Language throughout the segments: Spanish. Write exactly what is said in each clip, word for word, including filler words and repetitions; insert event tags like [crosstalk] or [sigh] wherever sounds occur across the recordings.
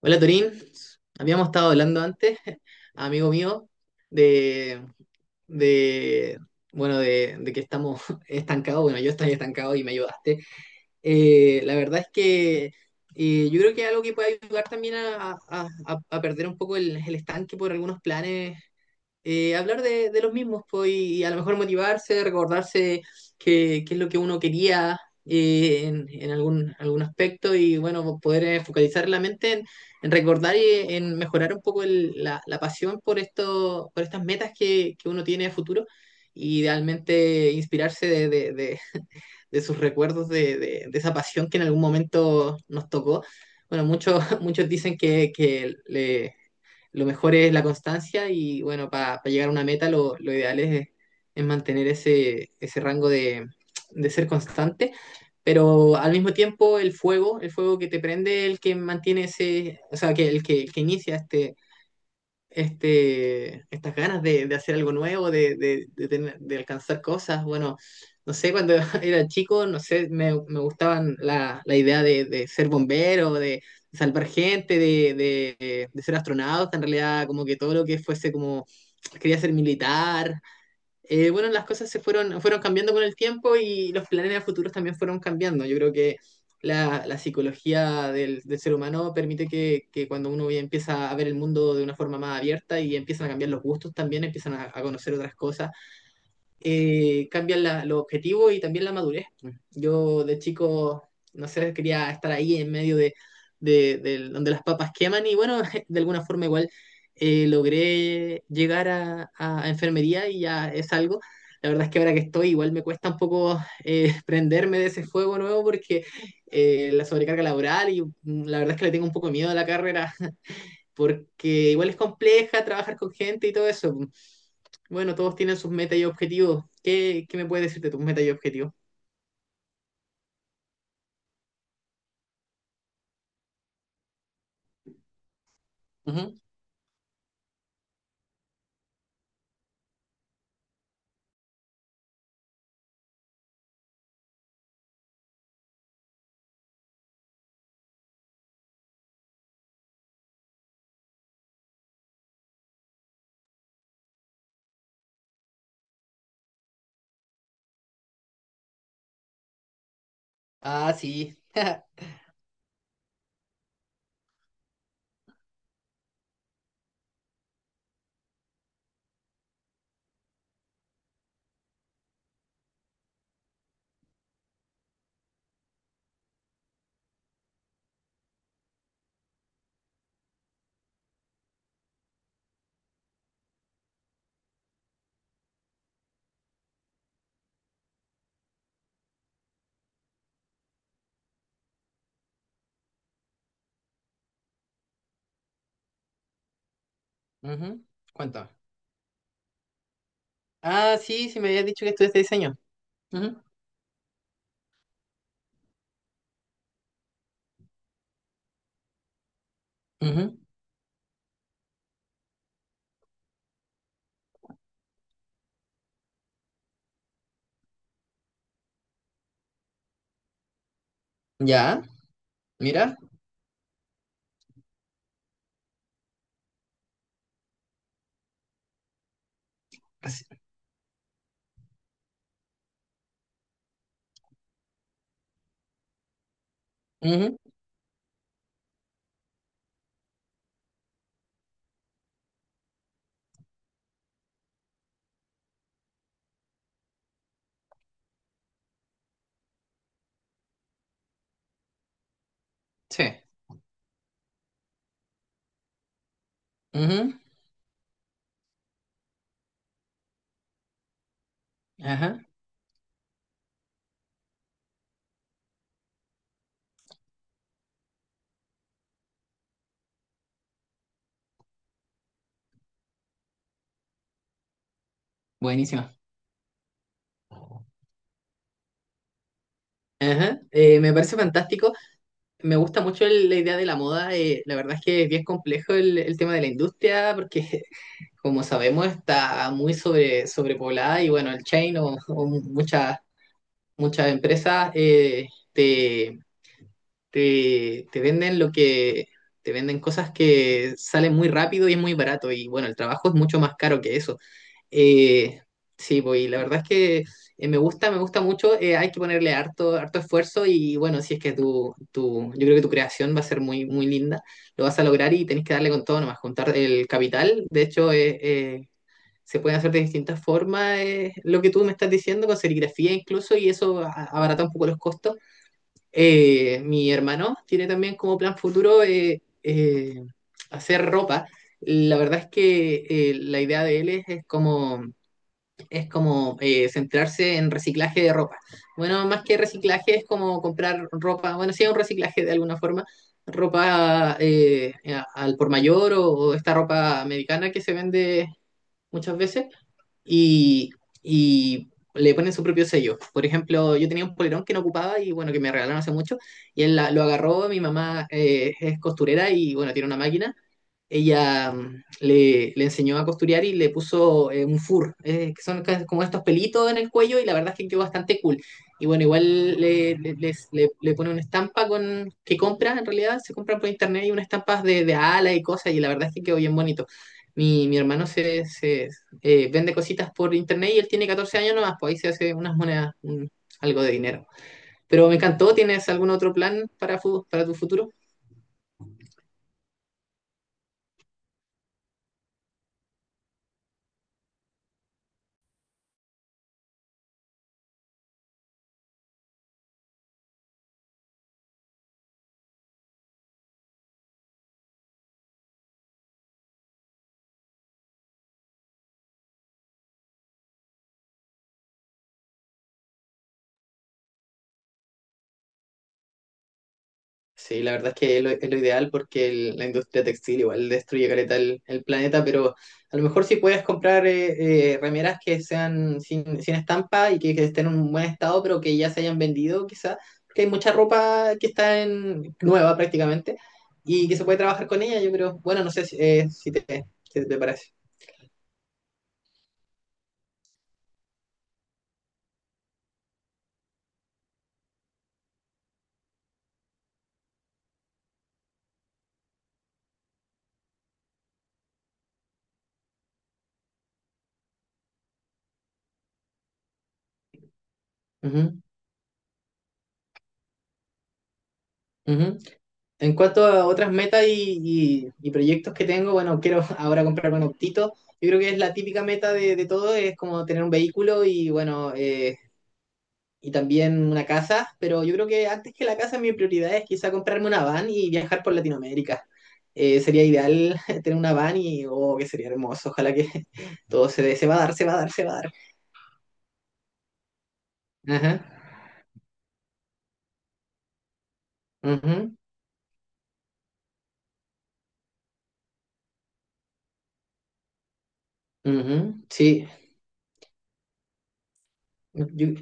Hola Torín, habíamos estado hablando antes, [laughs] amigo mío, de, de bueno, de, de que estamos [laughs] estancados, bueno, yo estoy estancado y me ayudaste. Eh, la verdad es que eh, yo creo que es algo que puede ayudar también a, a- a- a perder un poco el, el estanque por algunos planes, eh, hablar de, de los mismos, pues, y a lo mejor motivarse, recordarse qué qué es lo que uno quería, eh, en, en algún, algún aspecto, y bueno, poder eh, focalizar la mente en, en recordar y eh, en mejorar un poco el- la, la pasión por esto, por estas metas que, que uno tiene a futuro. Y idealmente inspirarse de, de- de- de sus recuerdos, de, de- de esa pasión que en algún momento nos tocó. Bueno, muchos, [laughs] muchos dicen que, que le, lo mejor es la constancia, y bueno, para llegar a una meta lo, lo ideal es, es mantener ese, ese rango de, de ser constante, pero al mismo tiempo el fuego, el fuego que te prende, el que mantiene ese, o sea, que el que, el que inicia este, este, estas ganas de, de hacer algo nuevo, de, de, de tener- de alcanzar cosas. Bueno, no sé, cuando [laughs] era chico, no sé, me, me gustaban la, la idea de, de ser bombero, de salvar gente, de, de- de ser astronauta, en realidad como que todo lo que fuese como, quería ser militar. Eh, bueno, las cosas se fueron, fueron cambiando con el tiempo, y los planes a futuros también fueron cambiando. Yo creo que la, la psicología del, del ser humano permite que, que cuando uno ya empieza a ver el mundo de una forma más abierta, y empiezan a cambiar los gustos también, empiezan a, a conocer otras cosas, eh, cambian la- los objetivos y también la madurez. Yo de chico, no sé, quería estar ahí en medio de, de- del- donde las papas queman, y bueno, [laughs] de alguna forma igual eh, logré llegar a, a enfermería, y ya es algo. La verdad es que ahora que estoy igual me cuesta un poco eh, [laughs] prenderme de ese fuego nuevo, porque eh, la sobrecarga laboral, y mm, la verdad es que le tengo un poco de miedo a la carrera, porque igual es compleja trabajar con gente y todo eso. Bueno, todos tienen sus metas y objetivos. ¿Qué, qué me puedes decir de tus metas y objetivos? Ujú. Ah, sí. [laughs] Ujú. Cuéntame. Ah, sí, sí me habías dicho que estudiaste diseño. Ujú. Ujú. Ya, mira. Así. Ujú. Sí. Ujú. Ajá. Buenísimo. Ajá, eh, me parece fantástico. Me gusta mucho el- la idea de la moda. Eh, la verdad es que es bien complejo el, el tema de la industria, porque [laughs] como sabemos, está muy sobre, sobrepoblada, y bueno, el chain o, o muchas, muchas empresas, eh, te, te, te venden lo que, te venden cosas que salen muy rápido y es muy barato, y bueno, el trabajo es mucho más caro que eso. Eh, sí, pues, y la verdad es que eh, me gusta, me gusta mucho. Eh, hay que ponerle harto, harto esfuerzo, y bueno, si es que tu, tu, yo creo que tu creación va a ser muy, muy linda, lo vas a lograr, y tenés que darle con todo nomás, juntar el capital. De hecho, eh, eh, se pueden hacer de distintas formas, eh, lo que tú me estás diciendo, con serigrafía incluso, y eso a- abarata un poco los costos. Eh, mi hermano tiene también como plan futuro, eh, eh, hacer ropa. La verdad es que eh, la idea de él es, es como, es como eh, centrarse en reciclaje de ropa. Bueno, más que reciclaje es como comprar ropa, bueno, sí, un reciclaje de alguna forma, ropa eh, a- al por mayor o o esta ropa americana que se vende muchas veces, y, y le ponen su propio sello. Por ejemplo, yo tenía un polerón que no ocupaba, y bueno, que me regalaron hace mucho, y él la- lo agarró. Mi mamá eh, es costurera, y bueno, tiene una máquina. Ella, mm, le, le enseñó a costurear, y le puso eh, un fur, eh, que son ca- como estos pelitos en el cuello, y la verdad es que quedó bastante cool. Y bueno, igual le, le, les- le- le pone una estampa con que compra, en realidad se compran por internet, y unas estampas de, de alas y cosas, y la verdad es que quedó bien bonito. Mi, mi hermano se, se eh, vende cositas por internet, y él tiene catorce años nomás, pues ahí se hace unas monedas, un- algo de dinero. Pero me encantó. ¿Tienes algún otro plan para, fu- para tu futuro? Sí, la verdad es que es lo, es lo ideal, porque el- la industria textil igual destruye caleta el, el planeta, pero a lo mejor si puedes comprar, eh, eh, remeras que sean sin, sin estampa y que, que estén en un buen estado, pero que ya se hayan vendido quizá, porque hay mucha ropa que está en, nueva prácticamente, y que se puede trabajar con ella, yo creo. Bueno, no sé si, eh, si te, si te parece. Ujú, ujú. En cuanto a otras metas y, y- y proyectos que tengo, bueno, quiero [laughs] ahora comprarme un optito. Yo creo que es la típica meta de, de todo, es como tener un vehículo, y bueno, eh, y también una casa, pero yo creo que antes que la casa mi prioridad es quizá comprarme una van y viajar por Latinoamérica. Eh, sería ideal [laughs] tener una van y, oh, que sería hermoso. Ojalá que [laughs] todo se dé, se va a dar, se va a dar, se va a dar. Ajá, ujú, ujú, sí. Yo-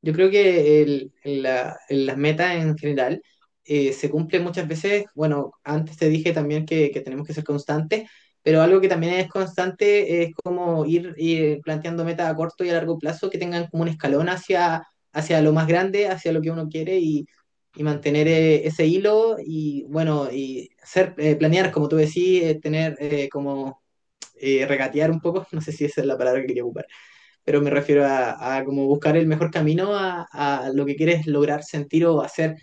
Yo creo que el- la- las metas en general eh, se cumplen muchas veces. Bueno, antes te dije también que, que tenemos que ser constantes, pero algo que también es constante es como ir, ir planteando metas a corto y a largo plazo que tengan como un escalón hacia, hacia lo más grande, hacia lo que uno quiere, y, y mantener eh, ese hilo, y bueno, y ser, eh, planear, como tú decís, eh, tener eh, como eh, regatear un poco, [laughs] no sé si esa es la palabra que quería ocupar, pero me refiero a, a como buscar el mejor camino a, a lo que quieres lograr, sentir o hacer,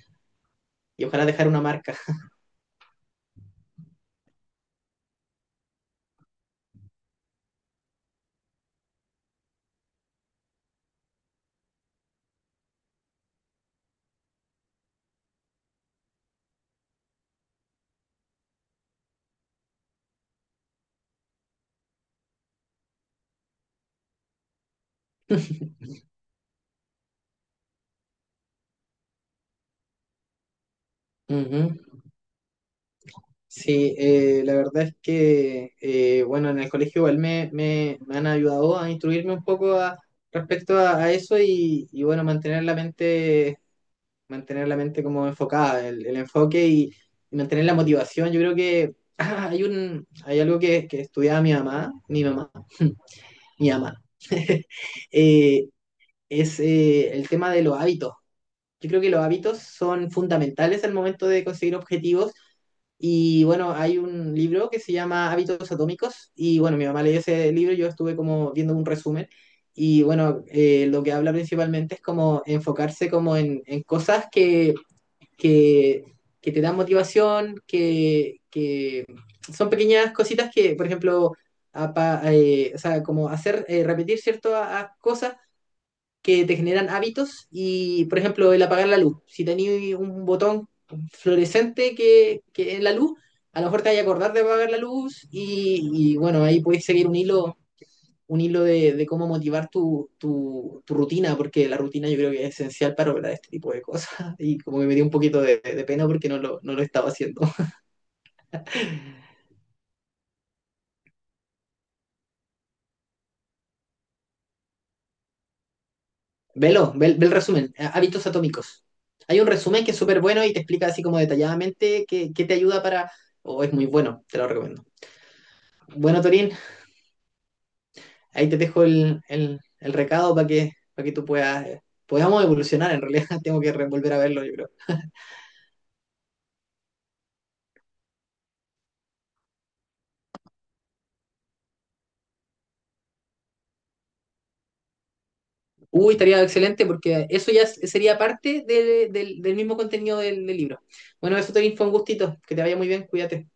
y ojalá dejar una marca. Ujú. Sí, eh, la verdad es que, eh, bueno, en el colegio igual me, me, me han ayudado a instruirme un poco a- respecto a, a eso, y, y, bueno, mantener la mente, mantener la mente como enfocada, el, el enfoque y, y mantener la motivación. Yo creo que [clears throat] ah, hay un, hay algo que, que estudiaba mi mamá, mi mamá, mi mamá. [laughs] Eh, es eh, el tema de los hábitos. Yo creo que los hábitos son fundamentales al momento de conseguir objetivos, y bueno, hay un libro que se llama Hábitos Atómicos, y bueno, mi mamá leyó ese libro, yo estuve como viendo un resumen, y bueno, eh, lo que habla principalmente es como enfocarse, como en, en cosas que, que, que te dan motivación, que, que son pequeñas cositas que, por ejemplo, a pa- eh, o sea, como hacer, eh, repetir ciertas cosas que te generan hábitos. Y, por ejemplo, el apagar la luz. Si tenías un botón fluorescente que, que en la luz, a lo mejor te vas a acordar de apagar la luz. Y, y, bueno, ahí puedes seguir un hilo, un hilo de, de cómo motivar tu, tu, tu, rutina, porque la rutina yo creo que es esencial para lograr este tipo de cosas, [laughs] y como que me dio un poquito de, de pena, porque no lo, no lo estaba haciendo. [laughs] Velo, ve, ve el resumen, hábitos atómicos. Hay un resumen que es súper bueno, y te explica así como detalladamente qué, qué te ayuda para... o oh, es muy bueno, te lo recomiendo. Bueno, Torín, ahí te dejo el, el- el recado para que, para que tú puedas, podamos evolucionar. En realidad, [laughs] tengo que re- volver a verlo, yo creo. Uy, estaría excelente porque eso ya s- sería parte de- del del mismo contenido del, del libro. Bueno, eso, Torín, fue un gustito. Que te vaya muy bien, cuídate.